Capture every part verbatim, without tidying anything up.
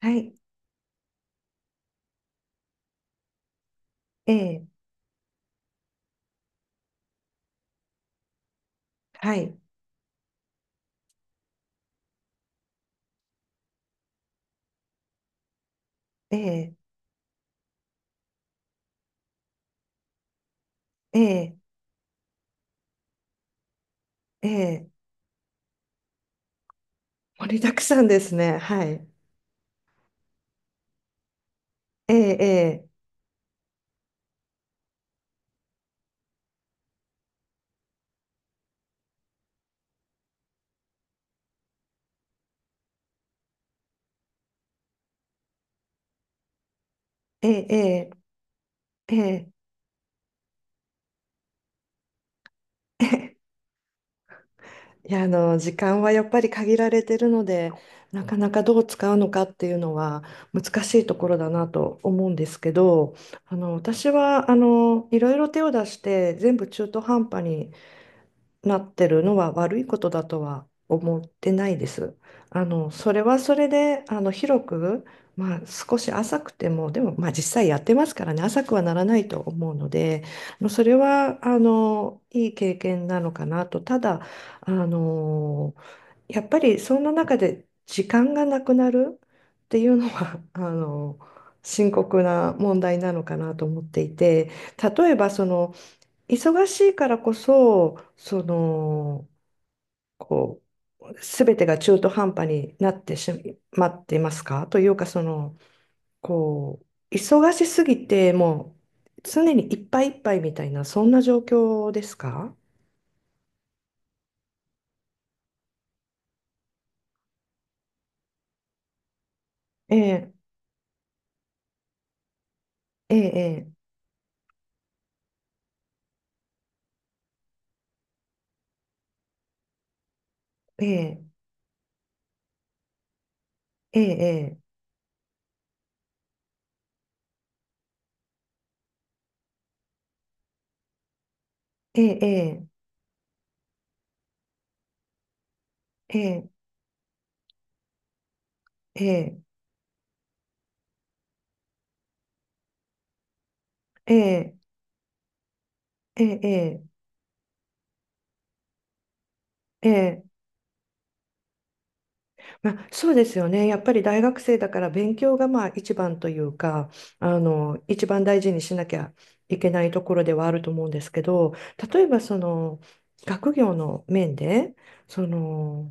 はい。ええ、はい。ええ、ええ、ええ、盛りだくさんですね。はい。ええ、ええ、ええ、ええ、ええ。いや、あの、時間はやっぱり限られてるので、なかなかどう使うのかっていうのは難しいところだなと思うんですけど、あの、私は、あの、いろいろ手を出して全部中途半端になってるのは悪いことだとは思ってないです。あの、それはそれで、あの、広く、まあ、少し浅くても、でも、まあ、実際やってますからね、浅くはならないと思うので、まあそれは、あの、いい経験なのかなと。ただ、あの、やっぱり、そんな中で時間がなくなるっていうのは、あの、深刻な問題なのかなと思っていて、例えば、その、忙しいからこそ、その、こう、すべてが中途半端になってしまっていますかというか、その、こう、忙しすぎて、もう、常にいっぱいいっぱいみたいな、そんな状況ですか？ええ、ええ、ええ、ええ、ええ、ええ、ええ、ええ、ええ、ええ、ええ、まあ、そうですよね。やっぱり大学生だから勉強がまあ一番というか、あの、一番大事にしなきゃいけないところではあると思うんですけど、例えばその学業の面で、その、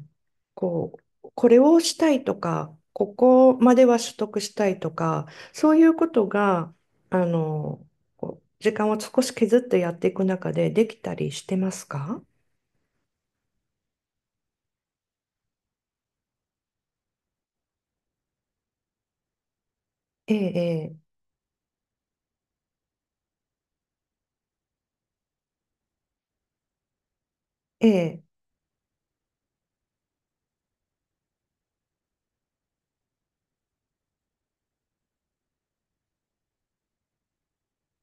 こう、これをしたいとか、ここまでは取得したいとか、そういうことが、あの、こう時間を少し削ってやっていく中でできたりしてますか？ええ、ええ、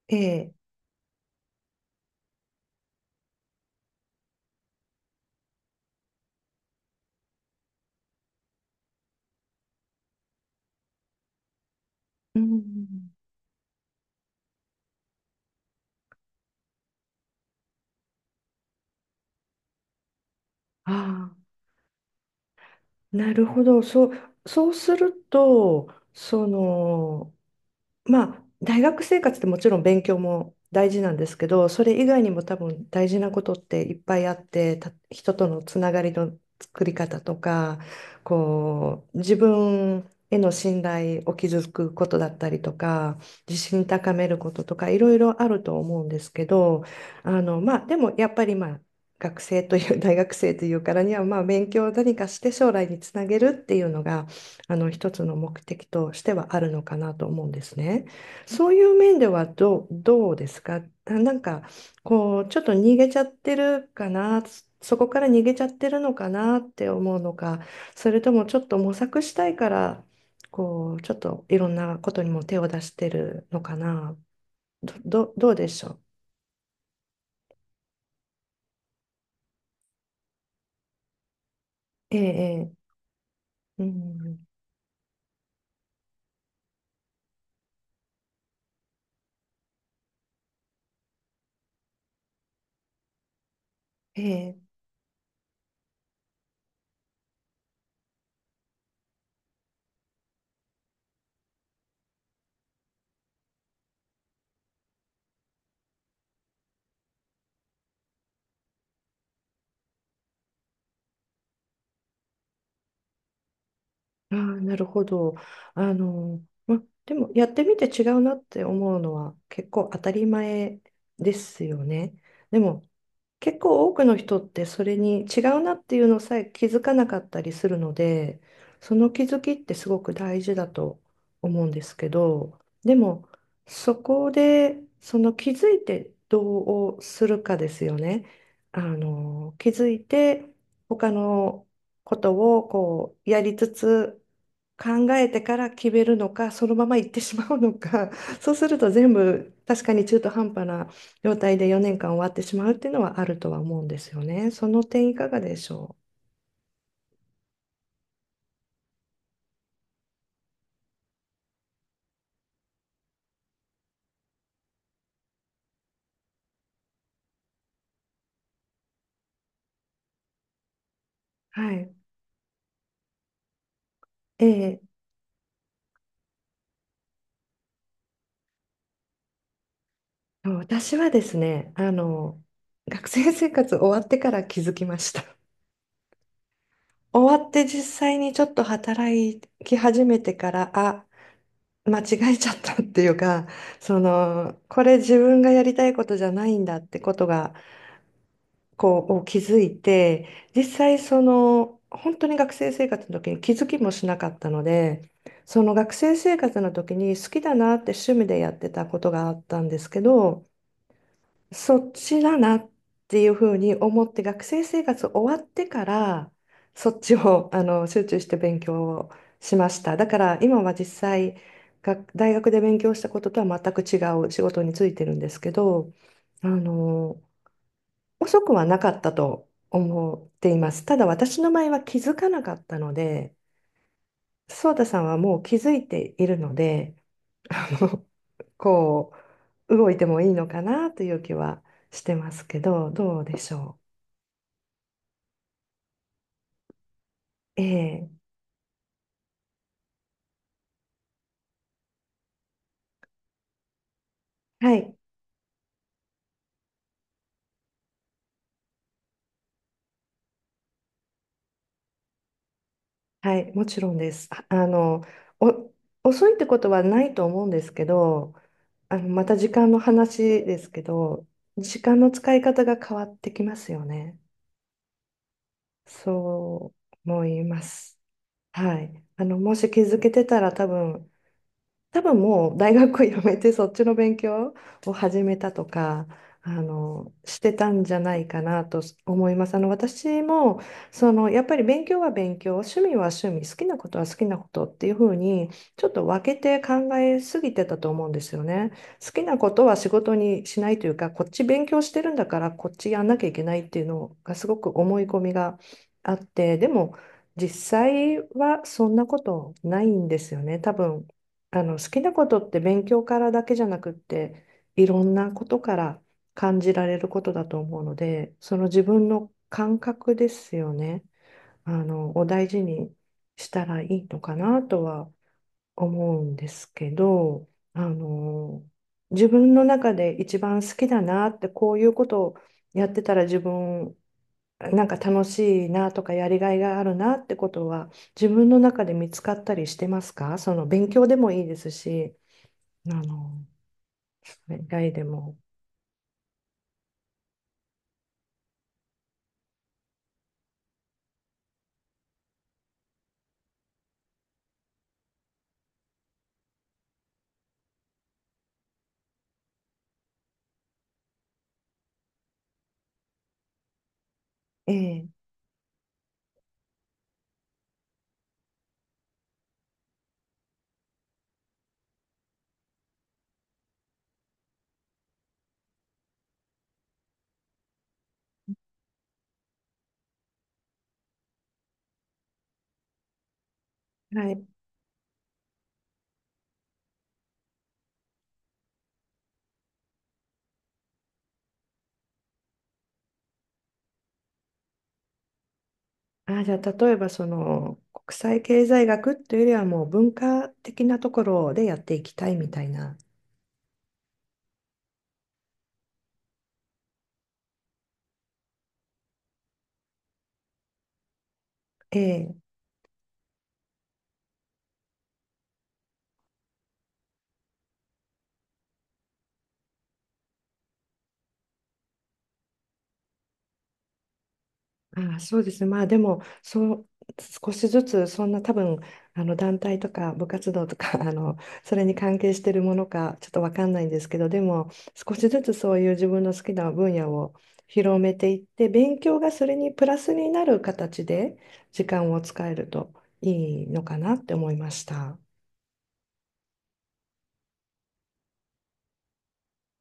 ええ、ええ、うん、ああ。なるほど。そう、そうすると、その、まあ、大学生活ってもちろん勉強も大事なんですけど、それ以外にも多分大事なことっていっぱいあって、た人とのつながりの作り方とか、こう、自分への信頼を築くことだったりとか、自信高めることとか、いろいろあると思うんですけど、あの、まあ、でもやっぱりまあ、学生という、大学生というからには、まあ、勉強を何かして将来につなげるっていうのが、あの一つの目的としてはあるのかなと思うんですね。そういう面ではどう、どうですか？あなんかこうちょっと逃げちゃってるかな、そこから逃げちゃってるのかなって思うのか、それともちょっと模索したいからこうちょっといろんなことにも手を出してるのかな。ど、ど、どうでしょう？ええええうん、ええ、ああ、なるほど。あの、ま、でもやってみて違うなって思うのは結構当たり前ですよね。でも結構多くの人ってそれに違うなっていうのさえ気づかなかったりするので、その気づきってすごく大事だと思うんですけど、でもそこでその気づいてどうするかですよね。あの、気づいて他のことをこうやりつつ考えてから決めるのか、そのまま行ってしまうのか、そうすると全部確かに中途半端な状態でよねんかん終わってしまうっていうのはあるとは思うんですよね。その点いかがでしょう。はい。ええ、私はですね、あの、学生生活終わってから気づきました。終わって実際にちょっと働き始めてから、あ、間違えちゃったっていうか、その、これ自分がやりたいことじゃないんだってことがこうを気づいて実際その本当に学生生活の時に気づきもしなかったので、その学生生活の時に好きだなって趣味でやってたことがあったんですけど、そっちだなっていうふうに思って学生生活終わってからそっちをあの集中して勉強をしました。だから今は実際学大学で勉強したこととは全く違う仕事についてるんですけど、あの遅くはなかったと思っています。ただ私の場合は気づかなかったので、ソータさんはもう気づいているので、あの、こう、動いてもいいのかなという気はしてますけど、どうでしょう？ええ、はい、はい、もちろんです。ああの、お、遅いってことはないと思うんですけど、あの、また時間の話ですけど、時間の使い方が変わってきますよね。そう思います。はい。あの、もし気づけてたら多分、多分もう大学を辞めてそっちの勉強を始めたとか、あの、してたんじゃないかなと思います。あの、私も、その、やっぱり勉強は勉強、趣味は趣味、好きなことは好きなことっていうふうに、ちょっと分けて考えすぎてたと思うんですよね。好きなことは仕事にしないというか、こっち勉強してるんだから、こっちやんなきゃいけないっていうのがすごく思い込みがあって、でも、実際はそんなことないんですよね。多分あの好きなことって勉強からだけじゃなくっていろんなことから感じられることだと思うので、その自分の感覚ですよね。あのを大事にしたらいいのかなとは思うんですけど、あの自分の中で一番好きだなってこういうことをやってたら自分なんか楽しいなとかやりがいがあるなってことは自分の中で見つかったりしてますか？その勉強でもいいですし。あの、それ以外でも。ええ、はい。あ、じゃあ、例えば、その、国際経済学というよりは、もう文化的なところでやっていきたいみたいな。ええ、ああ、そうですね。まあでも、そう、少しずつ、そんな多分、あの団体とか部活動とか、あの、それに関係してるものか、ちょっとわかんないんですけど、でも、少しずつそういう自分の好きな分野を広めていって、勉強がそれにプラスになる形で時間を使えるといいのかなって思いました。